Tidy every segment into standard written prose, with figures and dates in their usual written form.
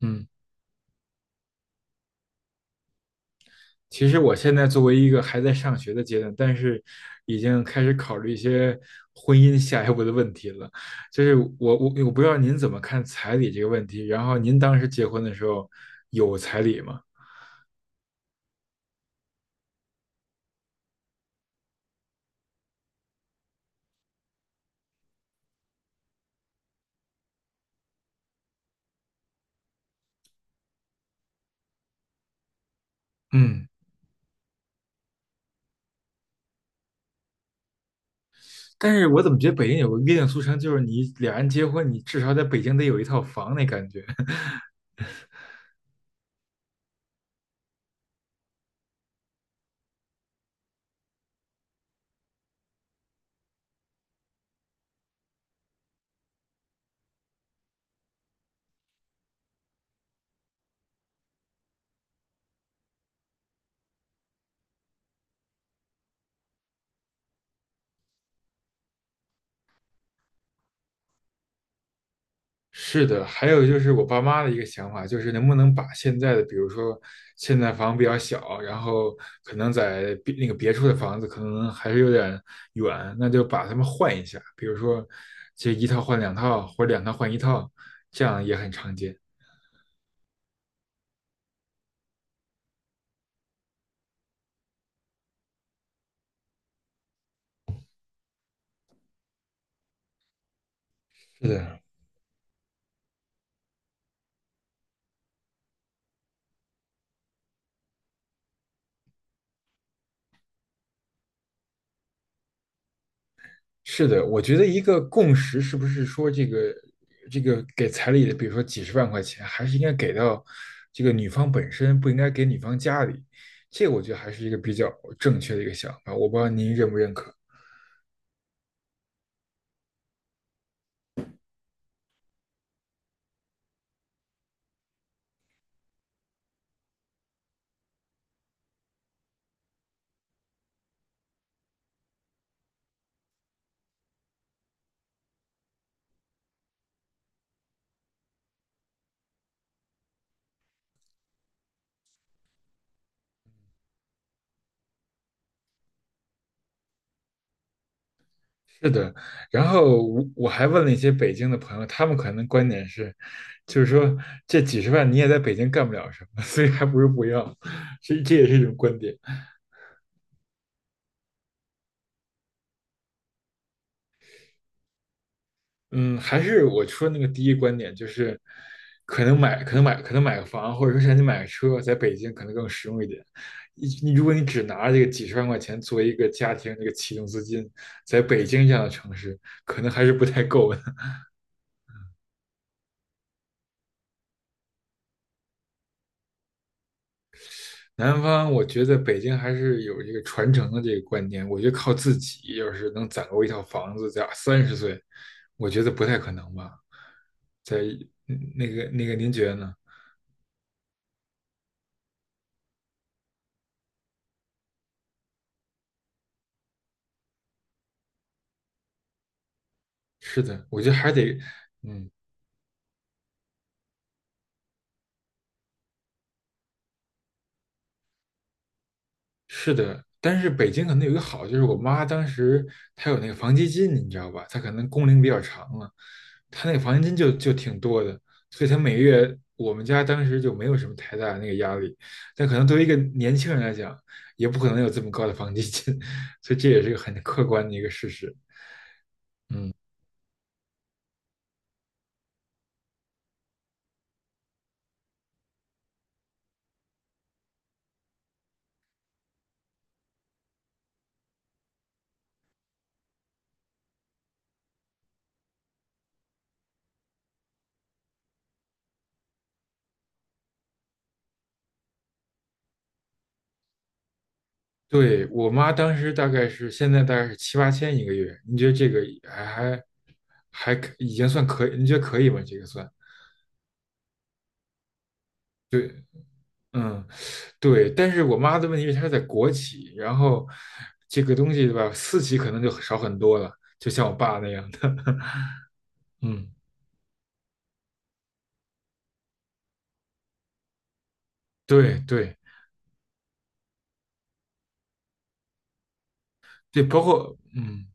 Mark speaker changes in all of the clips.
Speaker 1: 嗯，其实我现在作为一个还在上学的阶段，但是已经开始考虑一些婚姻下一步的问题了。就是我不知道您怎么看彩礼这个问题，然后您当时结婚的时候有彩礼吗？嗯，但是我怎么觉得北京有个约定俗成，就是你俩人结婚，你至少在北京得有一套房那感觉。是的，还有就是我爸妈的一个想法，就是能不能把现在的，比如说现在房比较小，然后可能在别那个别处的房子可能还是有点远，那就把它们换一下，比如说这一套换两套，或者两套换一套，这样也很常见。是的，是的，我觉得一个共识是不是说这个给彩礼的，比如说几十万块钱，还是应该给到这个女方本身，不应该给女方家里。这个我觉得还是一个比较正确的一个想法，我不知道您认不认可。是的，然后我还问了一些北京的朋友，他们可能观点是，就是说这几十万你也在北京干不了什么，所以还不如不要，这也是一种观点。嗯，还是我说那个第一观点，就是可能买个房，或者说想你买个车，在北京可能更实用一点。如果你只拿这个几十万块钱作为一个家庭这个启动资金，在北京这样的城市，可能还是不太够的。南方，我觉得北京还是有这个传承的这个观念，我觉得靠自己要是能攒够一套房子，在30岁，我觉得不太可能吧。在嗯那个那个，您觉得呢？是的，我觉得还得，嗯，是的，但是北京可能有一个好，就是我妈当时她有那个房基金，你知道吧？她可能工龄比较长了，她那个房基金就挺多的，所以她每月我们家当时就没有什么太大的那个压力。但可能对于一个年轻人来讲，也不可能有这么高的房基金，所以这也是个很客观的一个事实。对，我妈当时大概是现在大概是七八千一个月，你觉得这个还还还已经算可以？你觉得可以吗？这个算对，嗯。对，但是我妈的问题是她在国企，然后这个东西对吧，私企可能就少很多了，就像我爸那样的。嗯，对对对，包括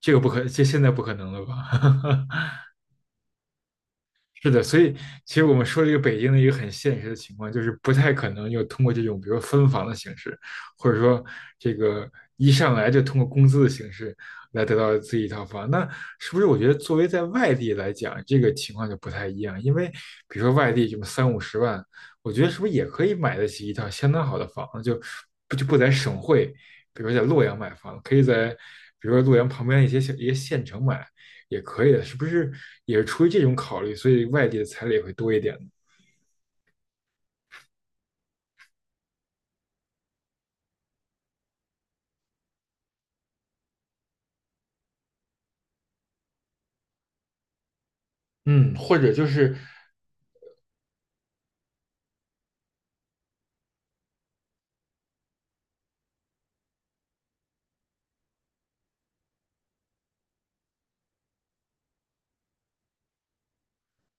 Speaker 1: 这个不可，这现在不可能了吧？是的，所以其实我们说这个北京的一个很现实的情况，就是不太可能又通过这种，比如说分房的形式，或者说这个一上来就通过工资的形式来得到自己一套房。那是不是我觉得作为在外地来讲，这个情况就不太一样？因为比如说外地这么三五十万，我觉得是不是也可以买得起一套相当好的房子？就不就不在省会，比如说在洛阳买房，可以在比如说洛阳旁边一些小一些县城买，也可以的，是不是？也是出于这种考虑，所以外地的彩礼也会多一点。嗯，或者就是，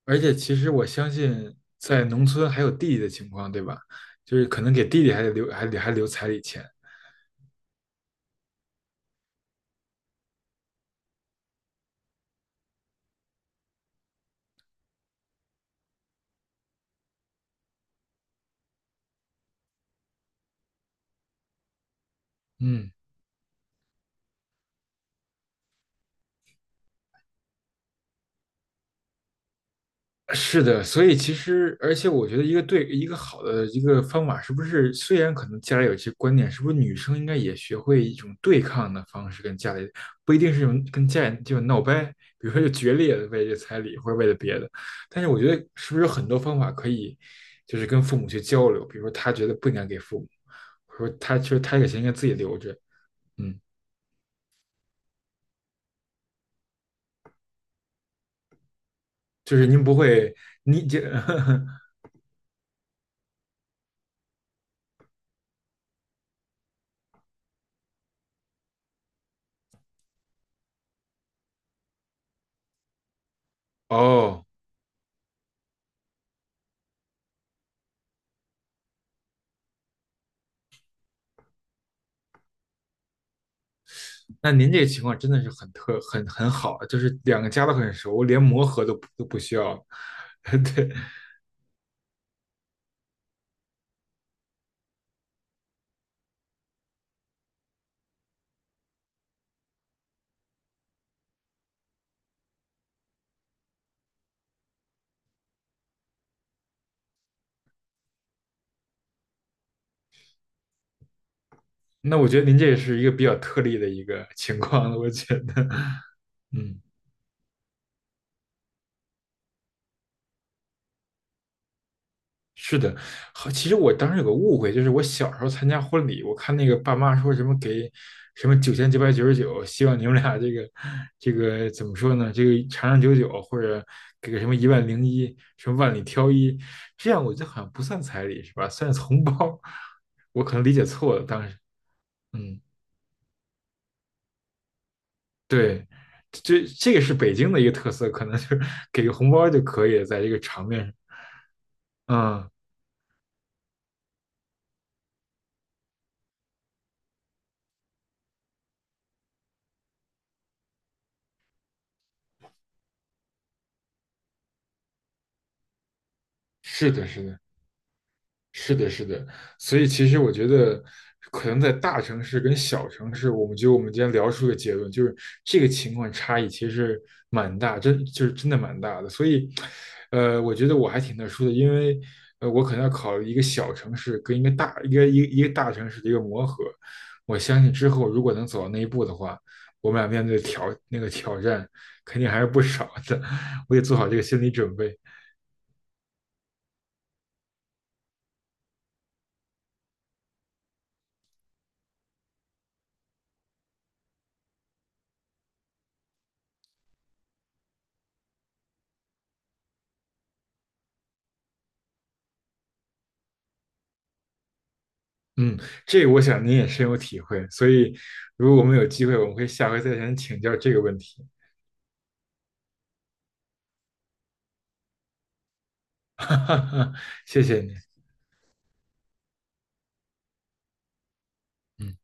Speaker 1: 而且其实我相信，在农村还有弟弟的情况，对吧？就是可能给弟弟还得留，还得还留彩礼钱。嗯，是的，所以其实，而且我觉得一个对一个好的一个方法，是不是虽然可能家里有一些观念，是不是女生应该也学会一种对抗的方式跟家里，不一定是用跟家里就闹掰，比如说就决裂的为这彩礼或者为了别的，但是我觉得是不是有很多方法可以，就是跟父母去交流，比如说他觉得不应该给父母，或者说他其实他这个钱应该自己留着，嗯，就是您不会，你这 哦。那您这个情况真的是很特很很好，就是两个家都很熟，连磨合都不需要对，那我觉得您这也是一个比较特例的一个情况了，我觉得，嗯。是的，好，其实我当时有个误会，就是我小时候参加婚礼，我看那个爸妈说什么给什么9999，希望你们俩这个怎么说呢？这个长长久久，或者给个什么10001，什么万里挑一，这样我觉得好像不算彩礼是吧？算是红包，我可能理解错了，当时，嗯，对，这个是北京的一个特色，可能就是给个红包就可以了在这个场面上，嗯，是的，是的。是的，是的，所以其实我觉得，可能在大城市跟小城市，我们觉得我们今天聊出的个结论，就是这个情况差异其实是蛮大，真就是真的蛮大的。所以，我觉得我还挺特殊的，因为我可能要考虑一个小城市跟一个大城市的一个磨合。我相信之后如果能走到那一步的话，我们俩面对挑那个挑战肯定还是不少的，我得做好这个心理准备。嗯，这个我想您也深有体会，所以如果我们有机会，我们会下回再向您请教这个问题。哈哈哈，谢谢您。嗯。